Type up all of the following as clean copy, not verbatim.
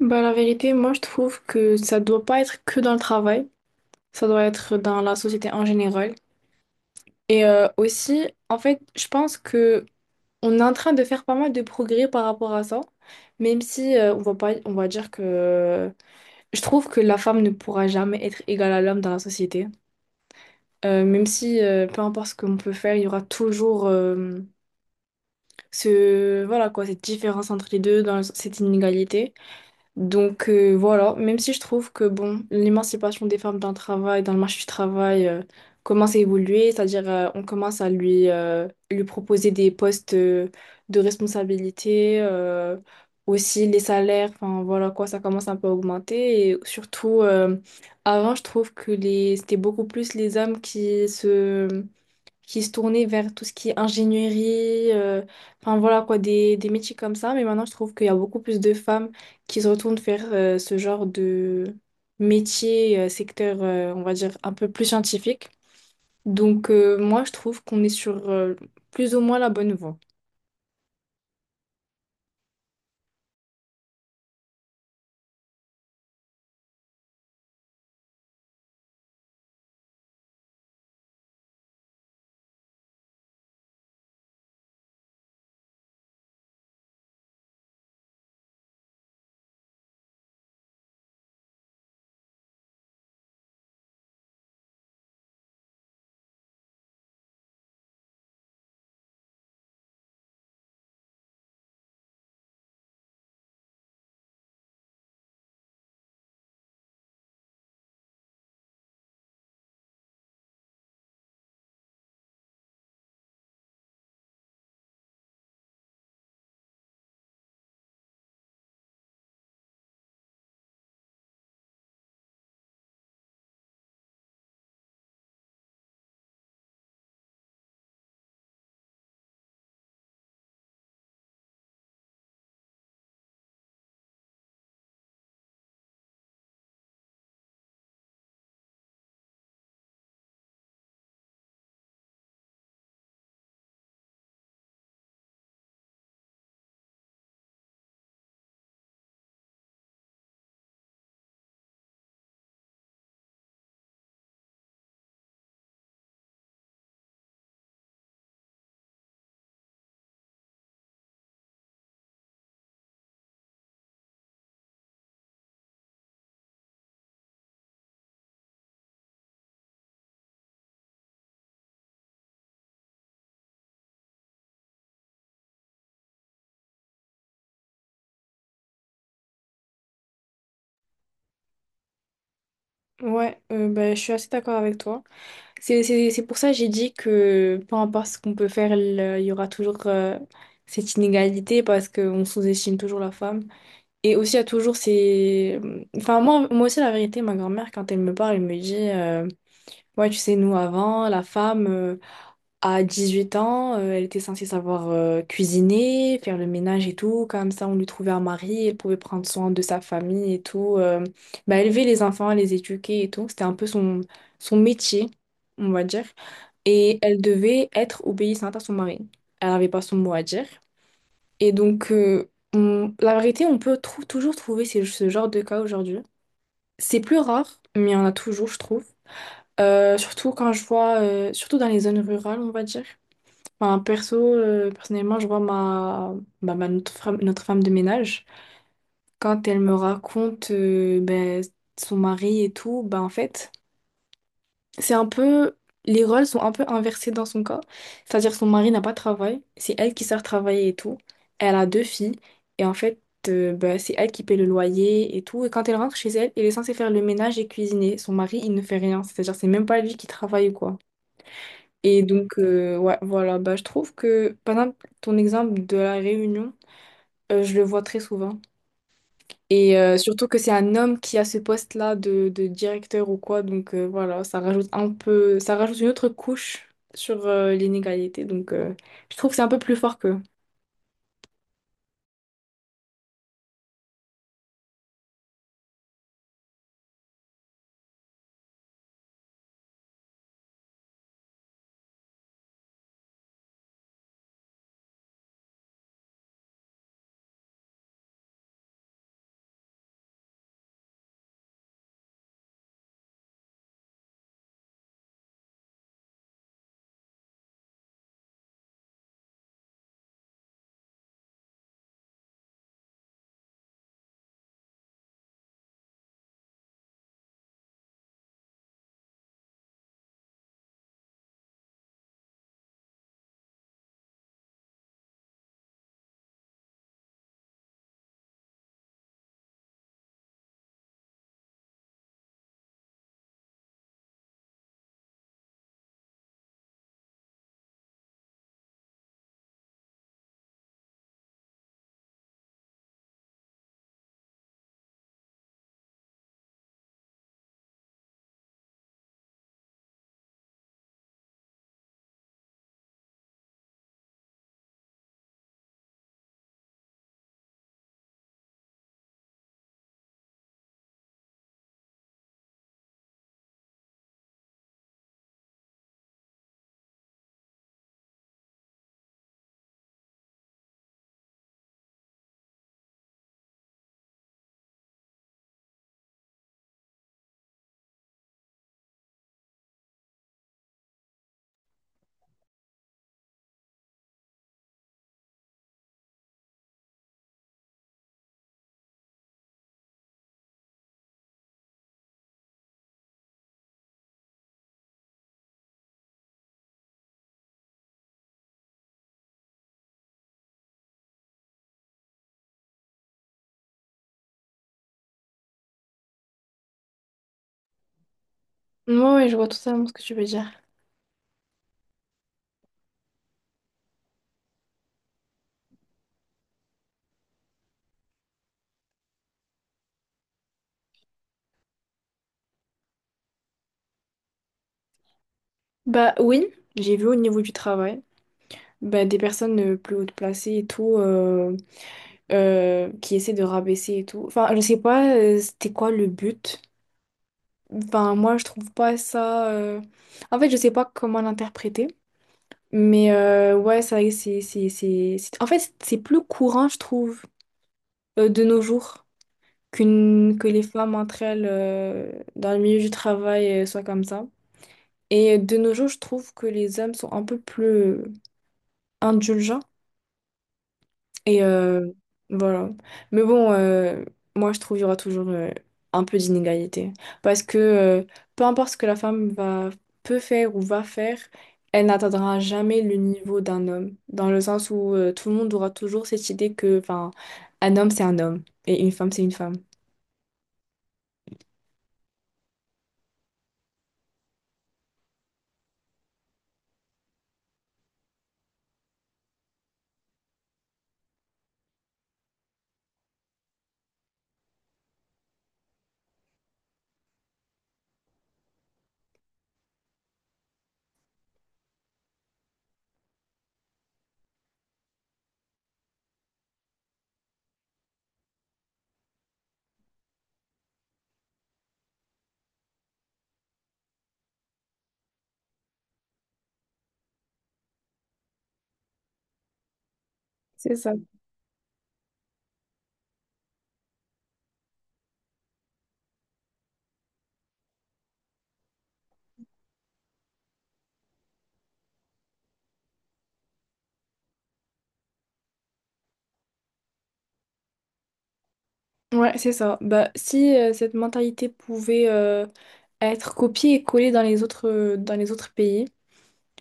Bah, la vérité, moi je trouve que ça doit pas être que dans le travail, ça doit être dans la société en général. Et aussi, en fait, je pense que on est en train de faire pas mal de progrès par rapport à ça, même si on va pas, on va dire que je trouve que la femme ne pourra jamais être égale à l'homme dans la société. Même si peu importe ce qu'on peut faire, il y aura toujours ce voilà quoi, cette différence entre les deux dans cette inégalité. Donc voilà, même si je trouve que bon, l'émancipation des femmes dans le travail, dans le marché du travail, commence à évoluer, c'est-à-dire on commence à lui, lui proposer des postes de responsabilité, aussi les salaires, enfin voilà quoi, ça commence un peu à augmenter. Et surtout, avant, je trouve que c'était beaucoup plus les hommes qui se tournaient vers tout ce qui est ingénierie, enfin voilà quoi, des métiers comme ça. Mais maintenant, je trouve qu'il y a beaucoup plus de femmes qui se retournent vers ce genre de métier, secteur, on va dire, un peu plus scientifique. Donc moi, je trouve qu'on est sur plus ou moins la bonne voie. Ouais, bah, je suis assez d'accord avec toi. C'est pour ça que j'ai dit que peu importe ce qu'on peut faire, il y aura toujours cette inégalité parce qu'on sous-estime toujours la femme. Et aussi, il y a toujours ces... Enfin, moi aussi, la vérité, ma grand-mère, quand elle me parle, elle me dit, ouais, tu sais, nous, avant, la femme, à 8 ans, elle était censée savoir cuisiner, faire le ménage et tout. Comme ça, on lui trouvait un mari, elle pouvait prendre soin de sa famille et tout. Bah, élever les enfants, les éduquer et tout. C'était un peu son, son métier, on va dire. Et elle devait être obéissante à son mari. Elle n'avait pas son mot à dire. Et donc, la vérité, on peut toujours trouver ce genre de cas aujourd'hui. C'est plus rare, mais il y en a toujours, je trouve. Surtout quand je vois, surtout dans les zones rurales, on va dire. Enfin, perso, personnellement, je vois bah, notre femme de ménage, quand elle me raconte ben, son mari et tout, bah en fait. C'est un peu, les rôles sont un peu inversés dans son cas. C'est-à-dire son mari n'a pas de travail, c'est elle qui sort travailler et tout. Elle a 2 filles et en fait, bah, c'est elle qui paie le loyer et tout. Et quand elle rentre chez elle, elle est censée faire le ménage et cuisiner. Son mari, il ne fait rien. C'est-à-dire, c'est même pas lui qui travaille ou quoi. Et donc, ouais, voilà, bah, je trouve que, par exemple, ton exemple de la Réunion, je le vois très souvent. Et surtout que c'est un homme qui a ce poste-là de directeur ou quoi, donc voilà, ça rajoute un peu, ça rajoute une autre couche sur l'inégalité, donc je trouve que c'est un peu plus fort qu'eux. Moi, ouais, ouais, je vois totalement ce que tu veux dire. Bah oui, j'ai vu au niveau du travail, bah, des personnes plus hautes placées et tout, qui essaient de rabaisser et tout. Enfin, je sais pas, c'était quoi le but? Enfin, moi, je trouve pas ça. En fait, je sais pas comment l'interpréter. Mais ouais, c'est vrai que en fait, c'est plus courant, je trouve, de nos jours, que les femmes entre elles, dans le milieu du travail, soient comme ça. Et de nos jours, je trouve que les hommes sont un peu plus indulgents. Et voilà. Mais bon, moi, je trouve qu'il y aura toujours un peu d'inégalité. Parce que peu importe ce que la femme peut faire ou va faire, elle n'atteindra jamais le niveau d'un homme. Dans le sens où tout le monde aura toujours cette idée que, enfin, un homme, c'est un homme. Et une femme. C'est ça. Ouais, c'est ça. Bah, si cette mentalité pouvait être copiée et collée dans les autres pays,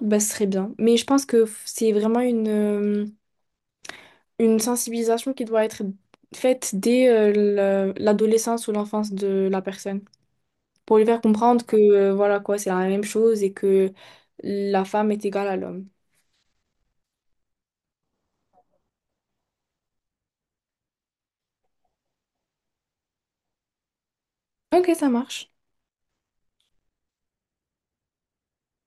bah, ce serait bien. Mais je pense que c'est vraiment une sensibilisation qui doit être faite dès l'adolescence ou l'enfance de la personne pour lui faire comprendre que voilà quoi, c'est la même chose et que la femme est égale à l'homme. Ok, ça marche.